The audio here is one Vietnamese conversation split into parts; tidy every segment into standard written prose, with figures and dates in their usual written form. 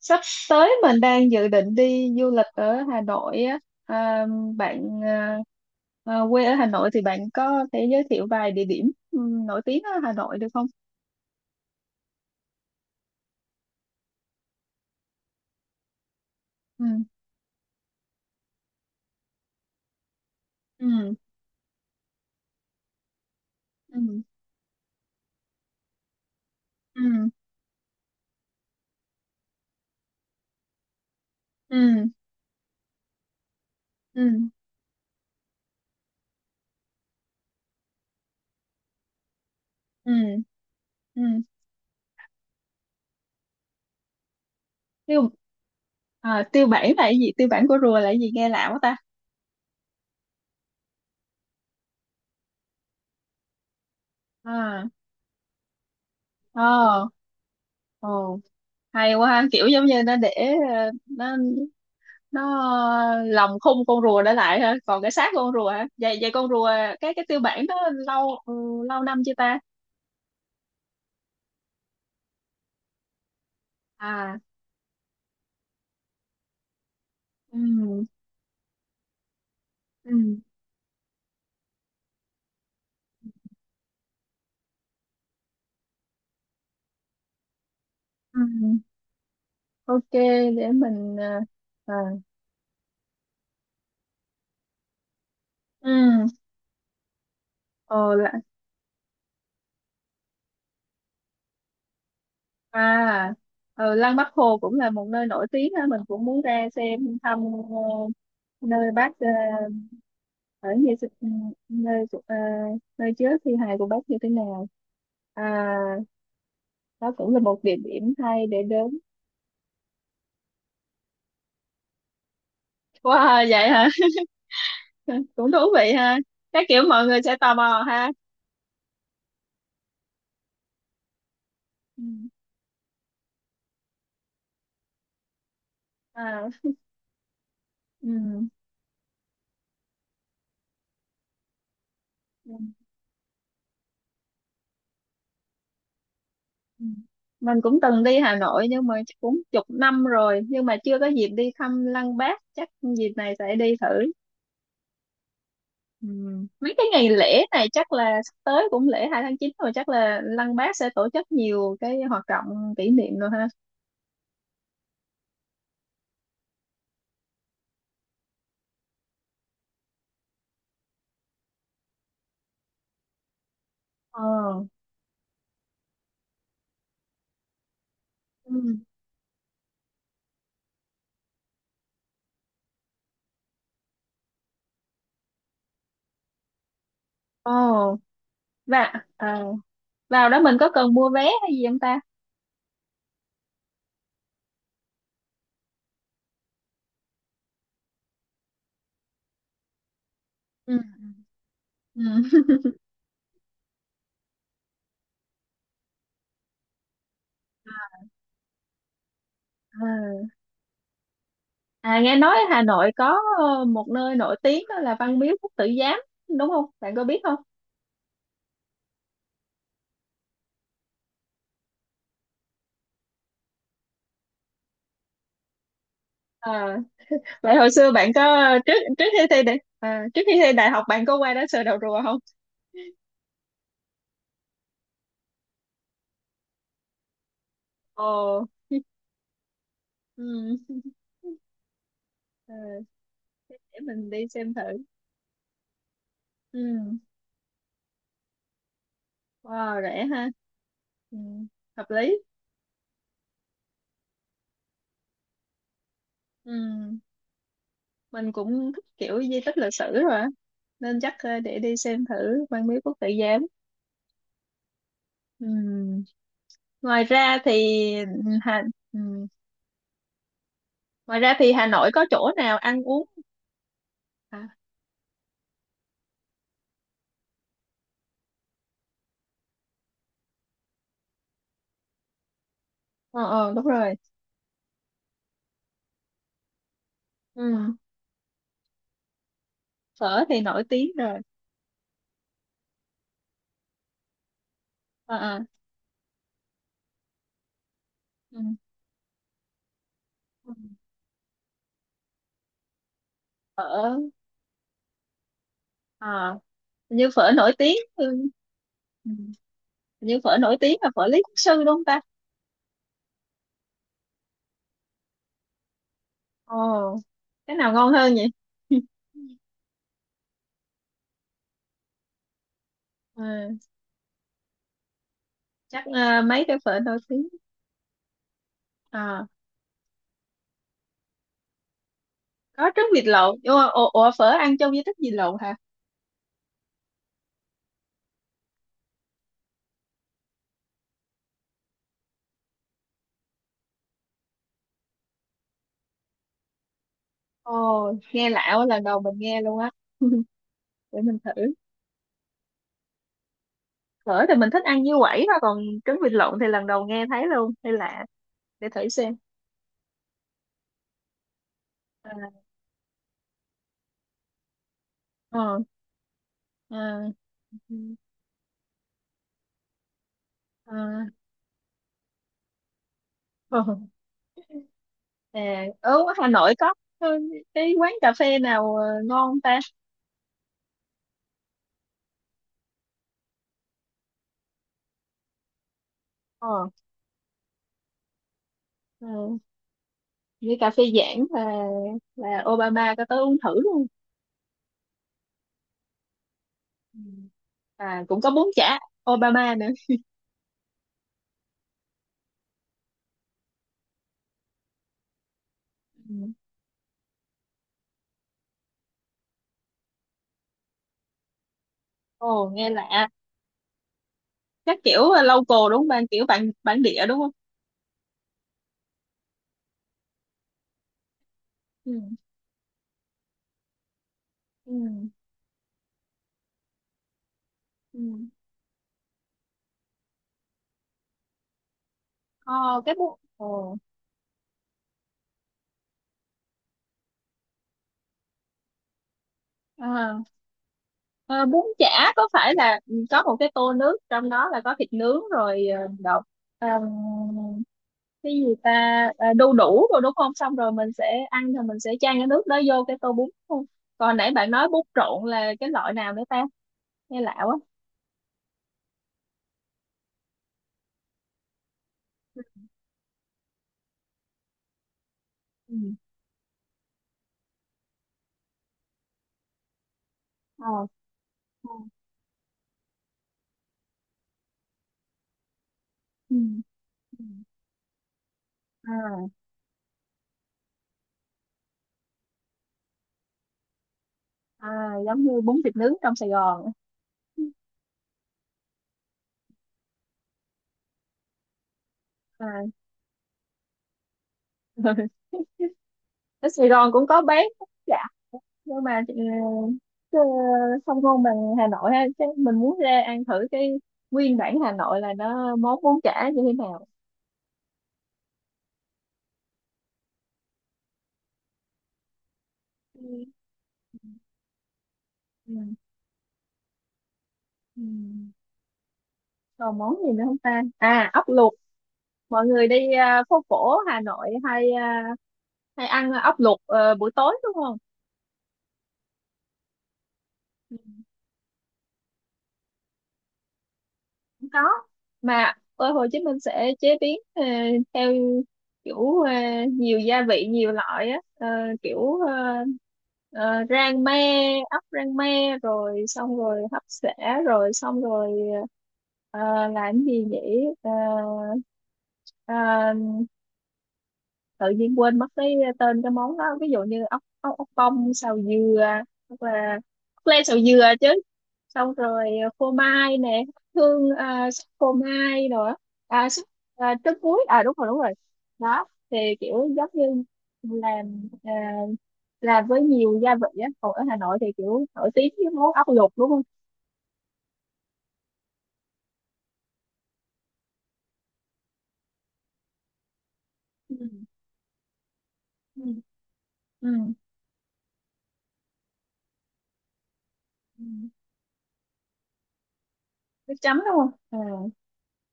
Sắp tới mình đang dự định đi du lịch ở Hà Nội á. à, Bạn à, quê ở Hà Nội thì bạn có thể giới thiệu vài địa điểm ừ, nổi tiếng ở Hà Nội được không? Ừ. Ừ. Ừ. Ừ. Ừ. Ừ. Ừ. Ừ. tiêu Tiêu bản là cái gì? Tiêu bản của rùa là cái gì nghe lạ quá ta? À, ồ, ồ, hay quá ha, kiểu giống như nó để ờ, nó nó lòng khung con rùa để lại ha, còn cái xác con rùa hả, vậy vậy con rùa, cái tiêu bản đó lâu lâu năm chưa ta? À. Ừ. Ừ. ừ ok. Để mình à. Ừ ờ là- À. Lăng Bác Hồ cũng là một nơi nổi tiếng ha, mình cũng muốn ra xem thăm ờ, nơi bác ở, như nơi của- ờ, nơi chứa thi hài của bác như thế nào. À, đó cũng là một địa điểm hay để đến. Wow, vậy hả? Cũng thú vị ha. Chắc kiểu mọi người sẽ tò mò ha. Ừ. À, ừ. Ừ. Ừ. Mình cũng từng đi Hà Nội, nhưng mà chắc cũng chục năm rồi, nhưng mà chưa có dịp đi thăm Lăng Bác, chắc dịp này sẽ đi thử. Ừ. Mấy cái ngày lễ này chắc là sắp tới, cũng lễ 2/9 rồi, chắc là Lăng Bác sẽ tổ chức nhiều cái hoạt động kỷ niệm rồi ha. ờ ừ. Ồ. và À, vào đó mình có cần mua vé hay gì không ta? Ừ. Ừ. À. À, nghe nói Hà Nội có một nơi nổi tiếng đó là Văn Miếu Quốc Tử Giám đúng không? Bạn có biết không? À, vậy hồi xưa bạn có trước trước khi thi đại à, trước khi thi đại học bạn có qua đó sờ đầu rùa không? Ồ, ừ. Ờ, để mình đi xem thử. Ừ. Wow, rẻ ha. Ừ. Hợp lý. Ừ. Mình cũng thích kiểu di tích lịch sử rồi á, nên chắc để đi xem thử Văn Miếu Quốc Tử Giám. Ừ. Ngoài ra thì ừ, Hà, ừ. ngoài ra thì Hà Nội có chỗ nào ăn uống. à, ờ Đúng rồi. Ừ. Phở thì nổi tiếng rồi. ờ ờ ừ. Ừ. phở à, hình như phở nổi tiếng ừ. Ừ. Hình như phở nổi tiếng là phở Lý Quốc Sư đúng không ta? Ồ, cái nào ngon hơn vậy? Ờ, chắc mấy cái phở nổi tiếng. À, có trứng vịt lộn. Ủa mà, ồ, phở ăn chung với trứng vịt lộn hả? Ồ, nghe lạ quá, lần đầu mình nghe luôn á. Để mình thử. Phở thì mình thích ăn như quẩy thôi, còn trứng vịt lộn thì lần đầu nghe thấy luôn, hay lạ. Để thử xem. À. ờ, À. À. ờ. À, ở Hà Nội có cái quán cà phê nào ngon không ta? ờ, ờ, Như cà phê Giảng là Obama có tới uống thử luôn. Ừ. À, cũng có bún chả Obama nữa. Ừ. Ồ, nghe lạ. Chắc kiểu local đúng không bạn? Kiểu bản bản địa đúng không? Ừ. Ừ. Ừ. Ờ, cái bún ồ à. Ờ, Bún chả có phải là có một cái tô nước, trong đó là có thịt nướng rồi đậu, ờm, cái gì ta? À, đu đủ rồi đúng không? Xong rồi mình sẽ ăn, rồi mình sẽ chan cái nước đó vô cái tô bún đúng không? Còn nãy bạn nói bún trộn là cái loại nào nữa ta? Nghe lạ quá. Ừ. Ờ. ờ, Ừ. Ừ. À, à, giống như bún thịt nướng trong Sài Gòn à. Ở Sài Gòn cũng có bán. Dạ. Nhưng mà chứ không ngon bằng Hà Nội ha, chắc mình muốn ra ăn thử cái nguyên bản Hà Nội là nó món bún chả như thế nào. Ừ. Ừ. Ừ. Còn món gì nữa không ta? À, ốc luộc. Mọi người đi phố cổ Hà Nội hay ăn ốc luộc buổi tối đúng không? Cũng có, mà ở Hồ Chí Minh sẽ chế biến theo kiểu nhiều gia vị nhiều loại á. Ờ, kiểu rang me, ốc rang me rồi xong rồi hấp xả, rồi xong rồi ờ, làm gì nhỉ, uh, tự nhiên quên mất cái tên cái món đó. Ví dụ như ốc ốc ốc bông xào dừa hoặc là ốc len xào dừa chứ. Xong rồi phô mai nè. Súp phô mai nữa. Súp. Trứng muối. À, đúng rồi, đúng rồi. Đó thì kiểu giống như làm à, làm với nhiều gia vị á, còn ở Hà Nội thì kiểu nổi tiếng với món ốc luộc đúng không? Ừ. Ừ. Ừ. Ừ. Nước chấm đúng không,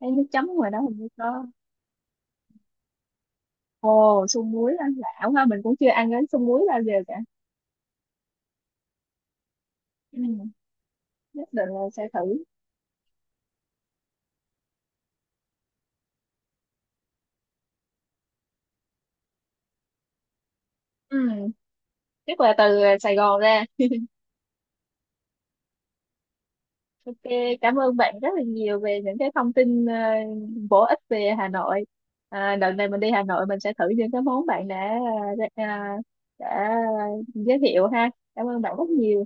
thấy nước chấm ngoài đó hình như có. Ồ, sung muối ăn lão ha, mình cũng chưa ăn đến sung muối bao giờ cả. Ừ, nhất định là sẽ thử. Ừ, chắc là từ Sài Gòn ra. Ok, cảm ơn bạn rất là nhiều về những cái thông tin bổ ích về Hà Nội. À, đợt này mình đi Hà Nội, mình sẽ thử những cái món bạn ờ, đã, ờ, đã giới thiệu ha. Cảm ơn bạn rất nhiều.